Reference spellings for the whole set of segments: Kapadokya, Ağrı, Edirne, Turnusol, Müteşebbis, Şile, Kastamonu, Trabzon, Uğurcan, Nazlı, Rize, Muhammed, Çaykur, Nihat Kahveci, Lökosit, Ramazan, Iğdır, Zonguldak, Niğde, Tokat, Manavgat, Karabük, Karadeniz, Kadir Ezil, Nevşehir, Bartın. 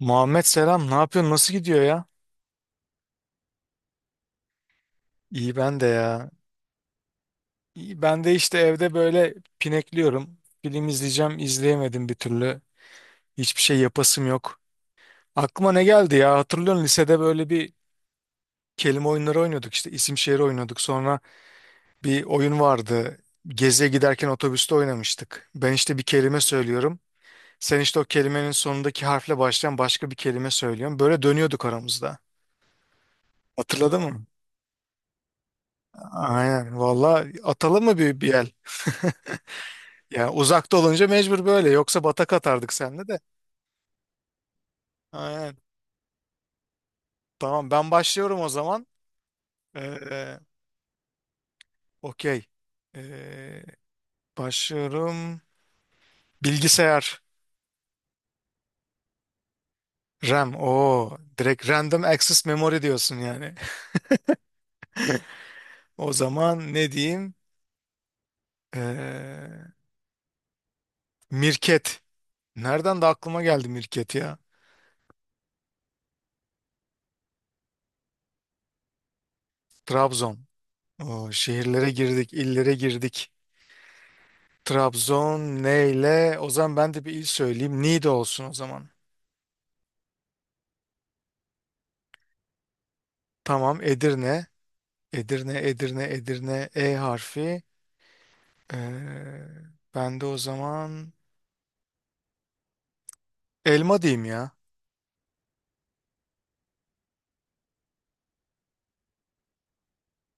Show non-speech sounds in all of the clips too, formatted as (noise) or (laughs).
Muhammed selam. Ne yapıyorsun? Nasıl gidiyor ya? İyi ben de ya. İyi ben de işte evde böyle pinekliyorum. Film izleyeceğim, izleyemedim bir türlü. Hiçbir şey yapasım yok. Aklıma ne geldi ya? Hatırlıyorsun lisede böyle bir kelime oyunları oynuyorduk işte isim şehir oynuyorduk. Sonra bir oyun vardı. Geziye giderken otobüste oynamıştık. Ben işte bir kelime söylüyorum. Sen işte o kelimenin sonundaki harfle başlayan başka bir kelime söylüyorsun. Böyle dönüyorduk aramızda. Hatırladın mı? Aynen. Valla atalım mı bir el? (laughs) Yani uzakta olunca mecbur böyle. Yoksa batak atardık seninle de. Aynen. Tamam ben başlıyorum o zaman. Ee, okey. Ee, başlıyorum. Bilgisayar. RAM. Oo, direkt Random Access Memory diyorsun yani. (laughs) O zaman ne diyeyim? Ee, Mirket. Nereden de aklıma geldi Mirket ya. Trabzon. Oo, şehirlere girdik, illere girdik. Trabzon neyle? O zaman ben de bir il söyleyeyim. Niğde olsun o zaman. Tamam, Edirne. Edirne, Edirne, Edirne. E harfi. Ee, ben de o zaman elma diyeyim ya.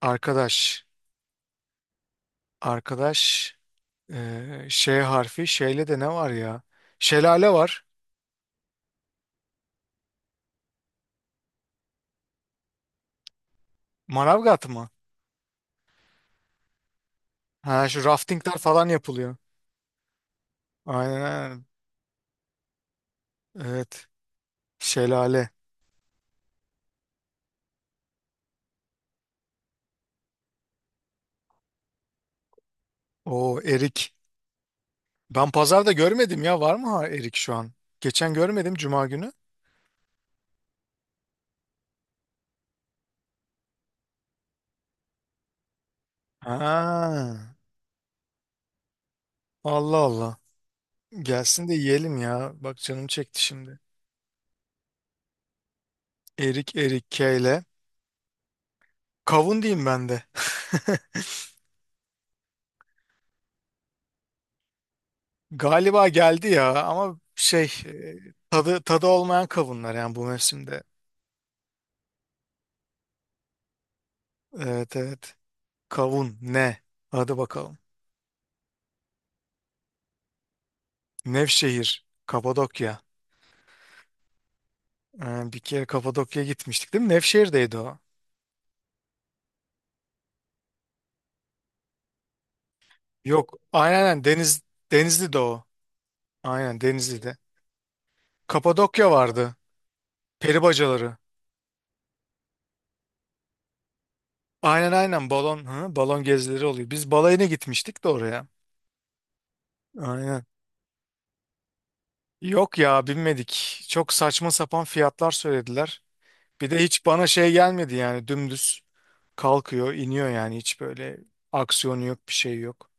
Arkadaş. Arkadaş. Şey harfi. Şeyle de ne var ya? Şelale var. Manavgat mı? Ha şu raftingler falan yapılıyor. Aynen aynen. Evet. Şelale. O erik. Ben pazarda görmedim ya. Var mı ha erik şu an? Geçen görmedim cuma günü. Ha. Allah Allah. Gelsin de yiyelim ya. Bak canım çekti şimdi. Erik Erik K ile. Kavun diyeyim ben de. (laughs) Galiba geldi ya ama şey tadı olmayan kavunlar yani bu mevsimde. Evet evet. Kavun ne? Hadi bakalım. Nevşehir, Kapadokya. Bir kere Kapadokya'ya gitmiştik değil mi? Nevşehir'deydi o. Yok, aynen aynen. Denizli'de o. Aynen Denizli'de. Kapadokya vardı. Peri bacaları. Aynen aynen balon gezileri oluyor. Biz balayına gitmiştik de oraya. Aynen. Yok ya binmedik. Çok saçma sapan fiyatlar söylediler. Bir de hiç bana şey gelmedi yani dümdüz kalkıyor, iniyor yani hiç böyle aksiyonu yok, bir şey yok.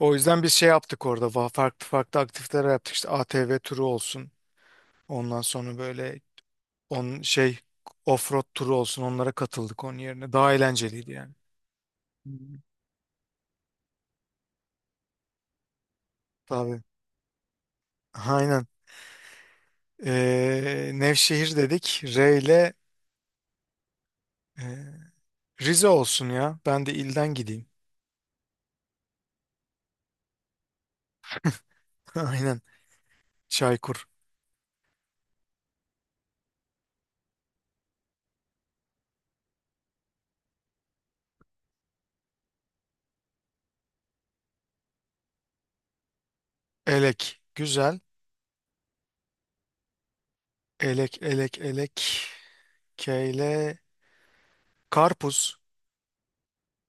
O yüzden biz şey yaptık orada. Farklı farklı aktiviteler yaptık. İşte ATV turu olsun. Ondan sonra böyle on şey offroad turu olsun. Onlara katıldık onun yerine. Daha eğlenceliydi yani. Hmm. Tabii. Aynen. Nevşehir dedik. R ile e, Rize olsun ya. Ben de ilden gideyim. (laughs) Aynen. Çaykur. Elek. Güzel. Elek, elek, elek. Keyle. Karpuz.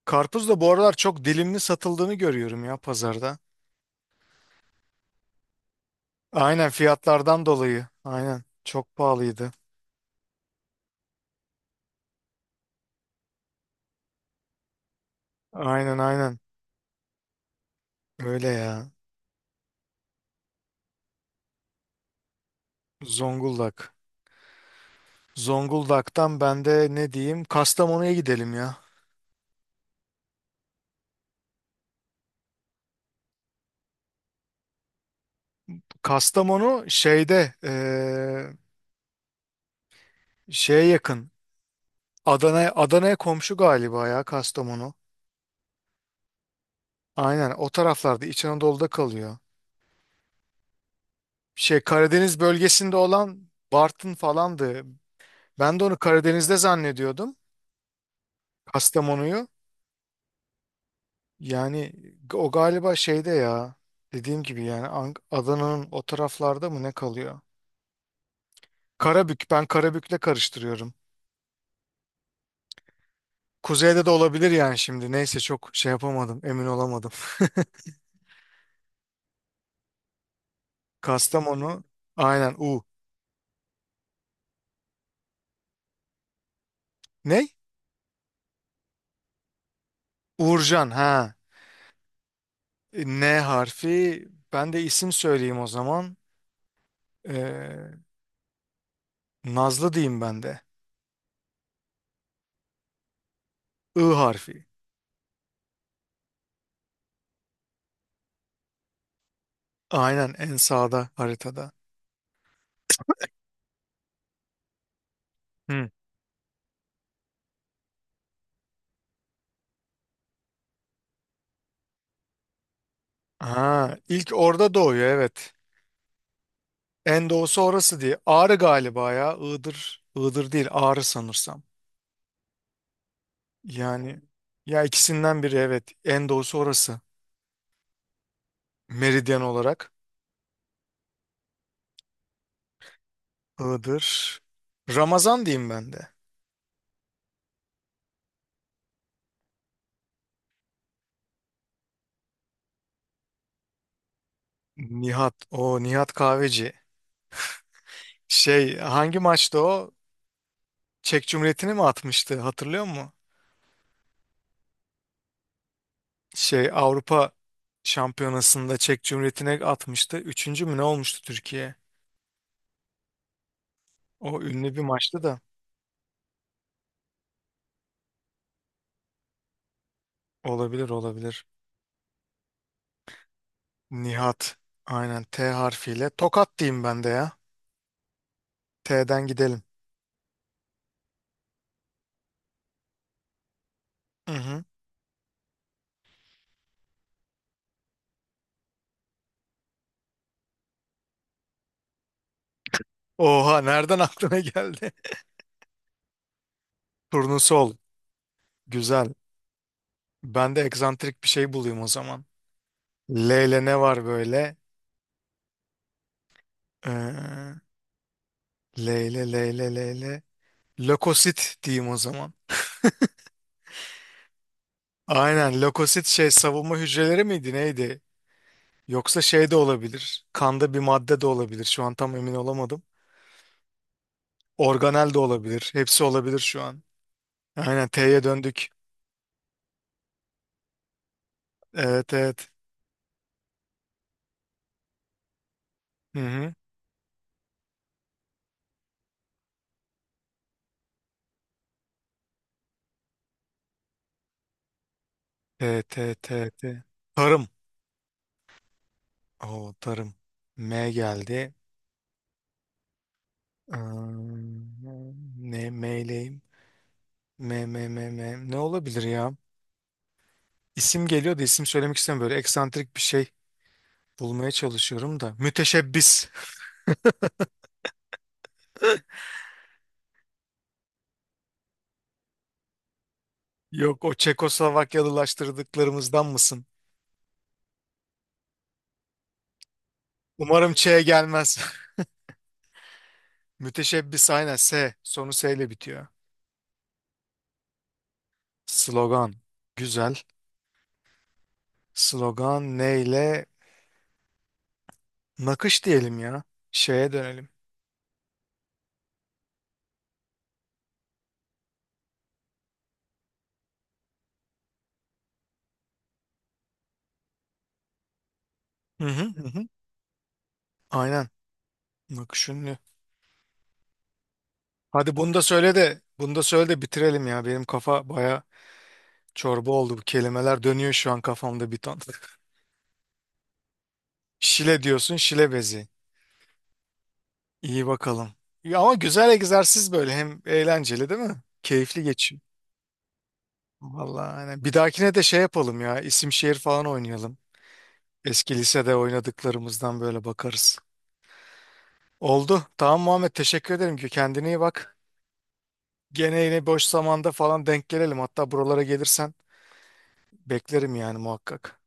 Karpuz da bu aralar çok dilimli satıldığını görüyorum ya pazarda. Aynen fiyatlardan dolayı. Aynen. Çok pahalıydı. Aynen aynen. Öyle ya. Zonguldak. Zonguldak'tan ben de ne diyeyim? Kastamonu'ya gidelim ya. Kastamonu şeyde şeye yakın. Adana'ya komşu galiba ya Kastamonu. Aynen o taraflarda İç Anadolu'da kalıyor. Şey Karadeniz bölgesinde olan Bartın falandı. Ben de onu Karadeniz'de zannediyordum. Kastamonu'yu. Yani o galiba şeyde ya. Dediğim gibi yani Adana'nın o taraflarda mı ne kalıyor? Karabük. Ben Karabük'le karıştırıyorum. Kuzeyde de olabilir yani şimdi. Neyse çok şey yapamadım. Emin olamadım. (laughs) Kastamonu. Aynen U. Ne? Uğurcan. Ha. N harfi. Ben de isim söyleyeyim o zaman. Ee, Nazlı diyeyim ben de. I harfi. Aynen en sağda haritada. Hı. Ha, ilk orada doğuyor evet. En doğusu orası diye. Ağrı galiba ya. Iğdır. Iğdır değil Ağrı sanırsam. Yani ya ikisinden biri evet. En doğusu orası. Meridyen olarak. Iğdır. Ramazan diyeyim ben de. Nihat. O Nihat Kahveci. Şey hangi maçta o? Çek Cumhuriyeti'ni mi atmıştı hatırlıyor musun? Şey Avrupa Şampiyonası'nda Çek Cumhuriyeti'ne atmıştı. Üçüncü mü ne olmuştu Türkiye? O ünlü bir maçtı da. Olabilir olabilir. Nihat. Aynen T harfiyle. Tokat diyeyim ben de ya. T'den gidelim. Hı hı. Oha nereden aklına geldi? (laughs) Turnusol. Güzel. Ben de egzantrik bir şey bulayım o zaman. L ile ne var böyle? Ee, L ile L ile L ile. Lökosit diyeyim o zaman. Aynen lökosit şey savunma hücreleri miydi neydi? Yoksa şey de olabilir. Kanda bir madde de olabilir. Şu an tam emin olamadım. Organel de olabilir. Hepsi olabilir şu an. Aynen T'ye döndük. Evet evet. Hı hı. T T T T. Tarım. Oo tarım. M geldi. Ne M'leyim? M M M M. Ne olabilir ya? İsim geliyor da isim söylemek istemiyorum. Böyle eksantrik bir şey bulmaya çalışıyorum da. Müteşebbis. (laughs) Yok o Çekoslovakyalılaştırdıklarımızdan mısın? Umarım Ç'ye gelmez. (laughs) Müteşebbis aynen S. Sonu S ile bitiyor. Slogan. Güzel. Slogan neyle? Nakış diyelim ya. Şeye dönelim. Hı hı hı. Hı. Aynen. Nakış ünlü. Hadi bunu da söyle de bunu da söyle de bitirelim ya. Benim kafa baya çorba oldu. Bu kelimeler dönüyor şu an kafamda bir ton. (laughs) Şile diyorsun, şile bezi. İyi bakalım. Ya ama güzel egzersiz böyle. Hem eğlenceli değil mi? Keyifli geçiyor. Vallahi aynen. Bir dahakine de şey yapalım ya. İsim şehir falan oynayalım. Eski lisede oynadıklarımızdan böyle bakarız. Oldu. Tamam Muhammed teşekkür ederim ki kendine iyi bak. Gene yine boş zamanda falan denk gelelim. Hatta buralara gelirsen beklerim yani muhakkak.